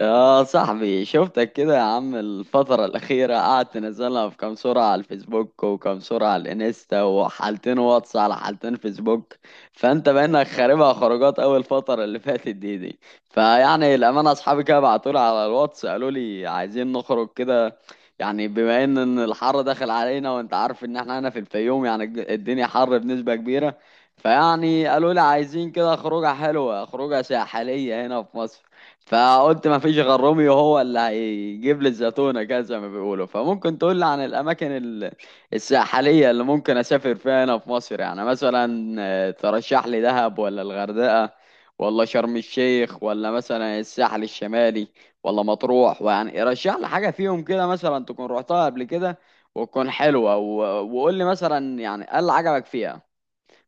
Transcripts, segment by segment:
يا صاحبي شفتك كده يا عم الفترة الأخيرة قعدت تنزلها في كام صورة على الفيسبوك وكام صورة على الإنستا وحالتين واتس على حالتين فيسبوك. فأنت بقينك خاربها خروجات أول الفترة اللي فاتت دي. فيعني الأمانة أصحابي كده بعتولي على الواتس قالوا لي عايزين نخرج كده. يعني بما إن الحر داخل علينا، وأنت عارف إن إحنا هنا في الفيوم، يعني الدنيا حر بنسبة كبيرة. فيعني قالوا لي عايزين كده خروجة حلوة، خروجة ساحلية هنا في مصر. فقلت ما فيش غير روميو هو اللي هيجيب لي الزيتونة كده زي ما بيقولوا. فممكن تقول لي عن الأماكن الساحلية اللي ممكن أسافر فيها هنا في مصر، يعني مثلا ترشح لي دهب، ولا الغردقة، ولا شرم الشيخ، ولا مثلا الساحل الشمالي، ولا مطروح؟ ويعني رشح لي حاجة فيهم كده مثلا تكون رحتها قبل كده وتكون حلوة، وقول لي مثلا يعني إيه اللي عجبك فيها،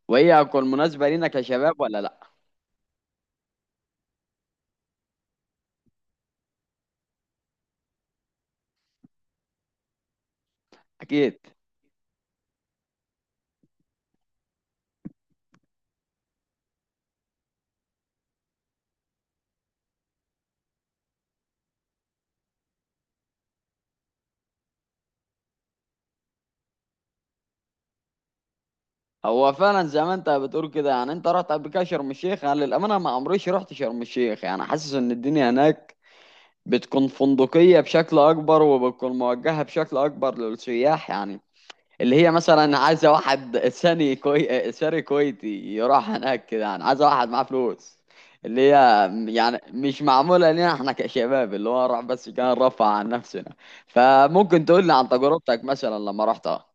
وهي هتكون مناسبة لينا كشباب ولا لأ. أكيد. هو فعلا زي ما انت بتقول كده، يعني انت رحت قبل كده شرم الشيخ. يعني للامانه ما عمريش رحت شرم الشيخ، يعني حاسس ان الدنيا هناك بتكون فندقيه بشكل اكبر، وبتكون موجهه بشكل اكبر للسياح، يعني اللي هي مثلا عايزه واحد ثاني ساري كويتي يروح هناك كده. يعني عايزه واحد معاه فلوس، اللي هي يعني مش معموله لنا احنا كشباب، اللي هو راح بس كان رفع عن نفسنا. فممكن تقول لي عن تجربتك مثلا لما رحتها.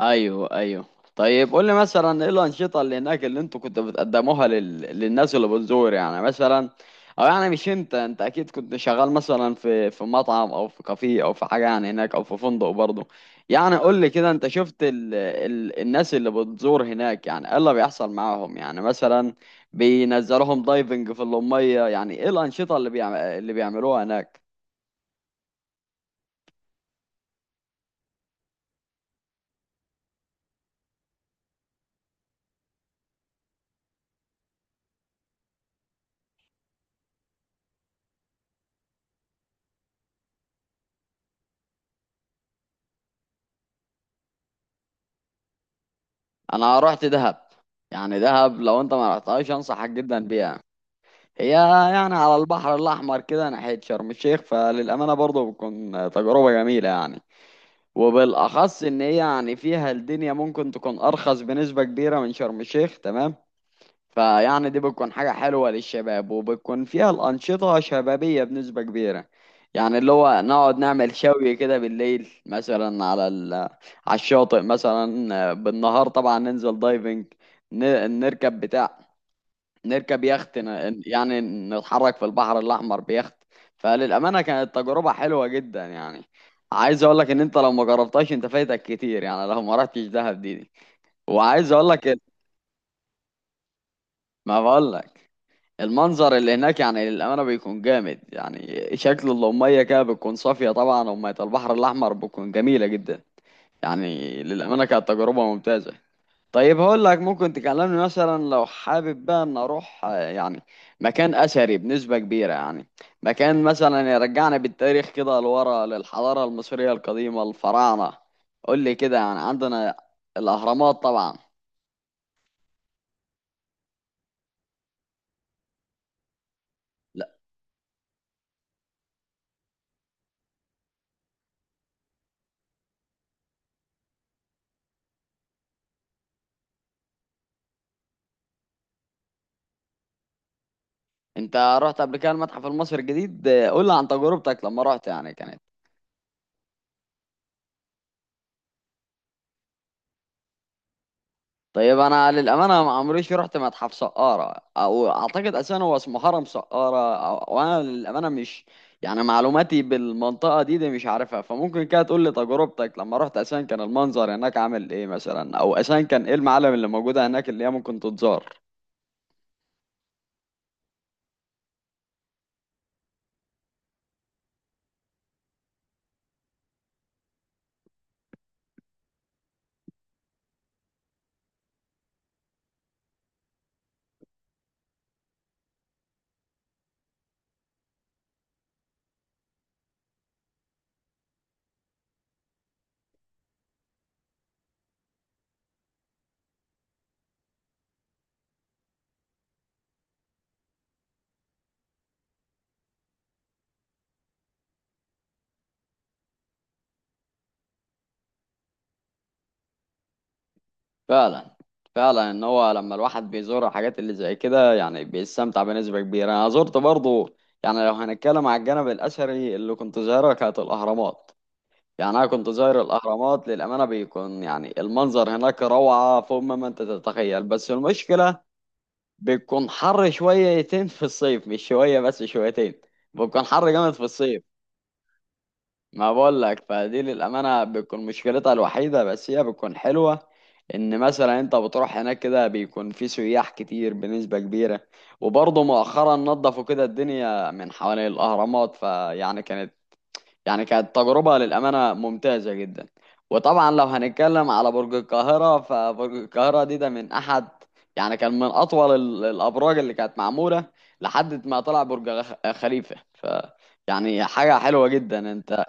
ايوه ايوه. طيب قول لي مثلا ايه الانشطه اللي هناك اللي انتوا كنتوا بتقدموها للناس اللي بتزور، يعني مثلا، او يعني مش انت، انت اكيد كنت شغال مثلا في مطعم او في كافيه او في حاجه يعني هناك، او في فندق برضه. يعني قول لي كده، انت شفت الناس اللي بتزور هناك يعني ايه اللي بيحصل معاهم يعني مثلا بينزلوهم دايفنج في الميه، يعني ايه الانشطه اللي بيعملوها هناك. انا رحت دهب. يعني دهب لو انت ما رحتهاش انصحك جدا بيها. هي يعني على البحر الأحمر كده ناحية شرم الشيخ، فللأمانة برضه بتكون تجربة جميلة يعني. وبالأخص إن هي يعني فيها الدنيا ممكن تكون أرخص بنسبة كبيرة من شرم الشيخ، تمام. فيعني دي بتكون حاجة حلوة للشباب، وبتكون فيها الأنشطة شبابية بنسبة كبيرة، يعني اللي هو نقعد نعمل شوي كده بالليل مثلا على على الشاطئ، مثلا بالنهار طبعا ننزل دايفنج، نركب بتاع، نركب يخت، يعني نتحرك في البحر الأحمر بيخت. فللأمانة كانت تجربة حلوة جدا يعني. عايز أقول لك إن أنت لو ما جربتهاش أنت فايتك كتير، يعني لو ما رحتش دهب دي. وعايز أقول لك ما بقول لك، المنظر اللي هناك يعني للأمانة بيكون جامد، يعني شكل المية كده بتكون صافية طبعا، ومية البحر الأحمر بتكون جميلة جدا. يعني للأمانة كانت تجربة ممتازة. طيب هقول لك، ممكن تكلمني مثلا لو حابب بقى ان اروح يعني مكان اثري بنسبة كبيرة، يعني مكان مثلا يرجعنا بالتاريخ كده لورا للحضارة المصرية القديمة الفراعنة. قول لي كده يعني عندنا الاهرامات طبعا. لا. انت رحت قبل كده المتحف المصري الجديد؟ قول لي عن تجربتك لما رحت يعني كانت. طيب انا للامانه ما عمريش رحت متحف سقاره، او اعتقد اساسا هو اسمه هرم سقاره وانا للامانه مش يعني معلوماتي بالمنطقه دي مش عارفها، فممكن كده تقول لي تجربتك لما رحت، اساسا كان المنظر هناك عامل ايه مثلا، او اساسا كان ايه المعالم اللي موجوده هناك اللي هي ممكن تتزار. فعلا. فعلا ان هو لما الواحد بيزور حاجات اللي زي كده يعني بيستمتع بنسبه كبيره. انا زرت برضه، يعني لو هنتكلم على الجانب الاثري اللي كنت زايره، كانت الاهرامات. يعني انا كنت زاير الاهرامات، للامانه بيكون يعني المنظر هناك روعه فوق ما انت تتخيل، بس المشكله بيكون حر شويتين في الصيف، مش شويه بس شويتين، بيكون حر جامد في الصيف. ما بقول لك، فدي للامانه بتكون مشكلتها الوحيده، بس هي بتكون حلوه ان مثلا انت بتروح هناك كده بيكون في سياح كتير بنسبه كبيره. وبرضه مؤخرا نظفوا كده الدنيا من حوالين الاهرامات، فيعني كانت، يعني كانت تجربة للأمانة ممتازة جدا. وطبعا لو هنتكلم على برج القاهرة، فبرج القاهرة دي ده من أحد، يعني كان من أطول الأبراج اللي كانت معمولة لحد ما طلع برج خليفة. ف يعني حاجة حلوة جدا أنت.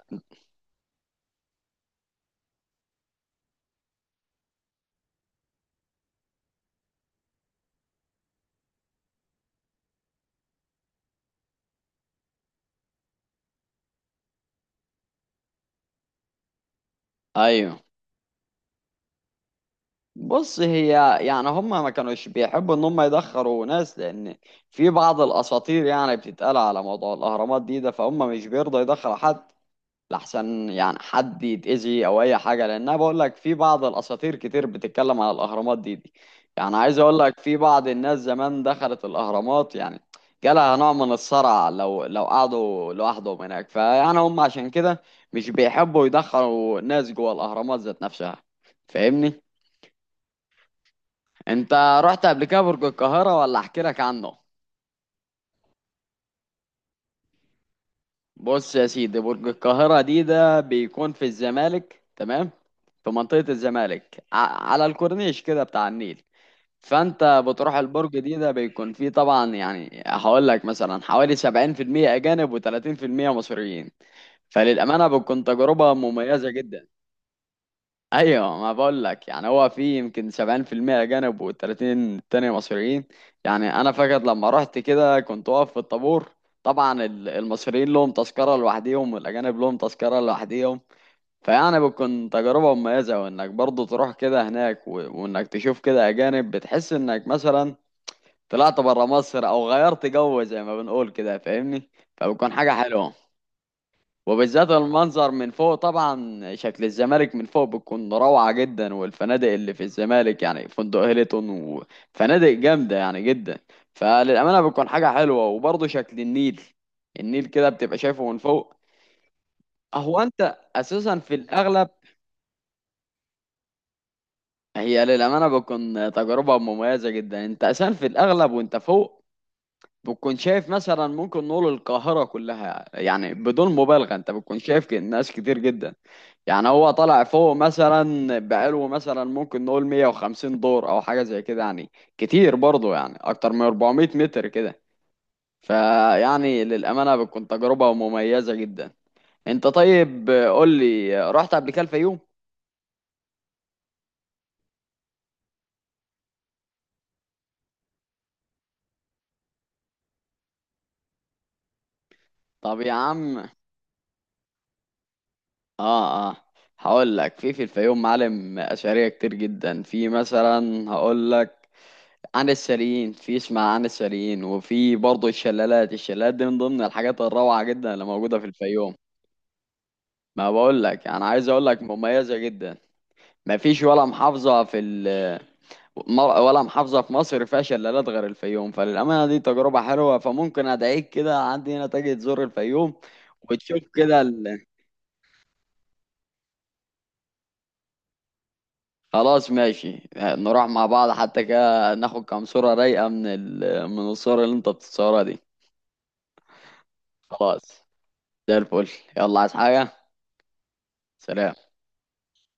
أيوه. بص، هي يعني هم ما كانوش بيحبوا ان هم يدخروا ناس، لان في بعض الاساطير يعني بتتقال على موضوع الاهرامات دي ده، فهم مش بيرضوا يدخلوا حد لحسن يعني حد يتأذي او اي حاجه. لان انا بقول لك في بعض الاساطير كتير بتتكلم على الاهرامات دي. يعني عايز اقول لك في بعض الناس زمان دخلت الاهرامات، يعني جالها نوع من الصرع لو قعدوا لوحدهم هناك. فيعني هم عشان كده مش بيحبوا يدخلوا ناس جوه الاهرامات ذات نفسها. فاهمني؟ انت رحت قبل كده برج القاهره، ولا احكي لك عنه؟ بص يا سيدي، برج القاهرة دي ده بيكون في الزمالك، تمام، في منطقة الزمالك على الكورنيش كده بتاع النيل. فانت بتروح البرج دي ده بيكون فيه طبعا، يعني هقول لك مثلا حوالي 70% أجانب و30% مصريين. فللأمانة بتكون تجربة مميزة جدا. ايوه، ما بقول لك، يعني هو في يمكن 70% اجانب و30 التانية مصريين. يعني انا فاكر لما رحت كده كنت واقف في الطابور، طبعا المصريين لهم تذكرة لوحديهم، والاجانب لهم تذكرة لوحديهم. فيعني بتكون تجربة مميزة، وانك برضو تروح كده هناك وانك تشوف كده اجانب، بتحس انك مثلا طلعت برا مصر او غيرت جو زي ما بنقول كده، فاهمني، فبتكون حاجة حلوة. وبالذات المنظر من فوق، طبعا شكل الزمالك من فوق بتكون روعة جدا، والفنادق اللي في الزمالك يعني فندق هيلتون وفنادق جامدة يعني جدا. فللأمانة بتكون حاجة حلوة. وبرضه شكل النيل، النيل كده بتبقى شايفه من فوق. هو انت اساسا في الاغلب، هي للأمانة بتكون تجربة مميزة جدا. انت اساسا في الاغلب وانت فوق بتكون شايف مثلا، ممكن نقول القاهرة كلها يعني بدون مبالغة، انت بتكون شايف ناس كتير جدا. يعني هو طالع فوق مثلا بقاله مثلا ممكن نقول 150 دور او حاجه زي كده، يعني كتير برضه، يعني اكتر من 400 متر كده. فيعني للامانه بتكون تجربه مميزه جدا. انت طيب قول لي، رحت قبل كده الفيوم؟ طب يا عم، اه اه، هقول لك في الفيوم معالم اثريه كتير جدا، في مثلا هقول لك عن السريين، في اسمها عن السريين، وفي برضه الشلالات، الشلالات دي من ضمن الحاجات الروعه جدا اللي موجوده في الفيوم. ما بقول لك، انا عايز اقول لك مميزه جدا. ما فيش ولا محافظه في ال ولا محافظه في مصر فيها شلالات غير الفيوم، فللامانه دي تجربه حلوه. فممكن ادعيك كده عندي هنا تجي تزور الفيوم وتشوف كده خلاص ماشي، نروح مع بعض، حتى كده ناخد كام صوره رايقه من من الصور اللي انت بتصورها دي. خلاص. زي الفل. يلا، عايز حاجه؟ سلام.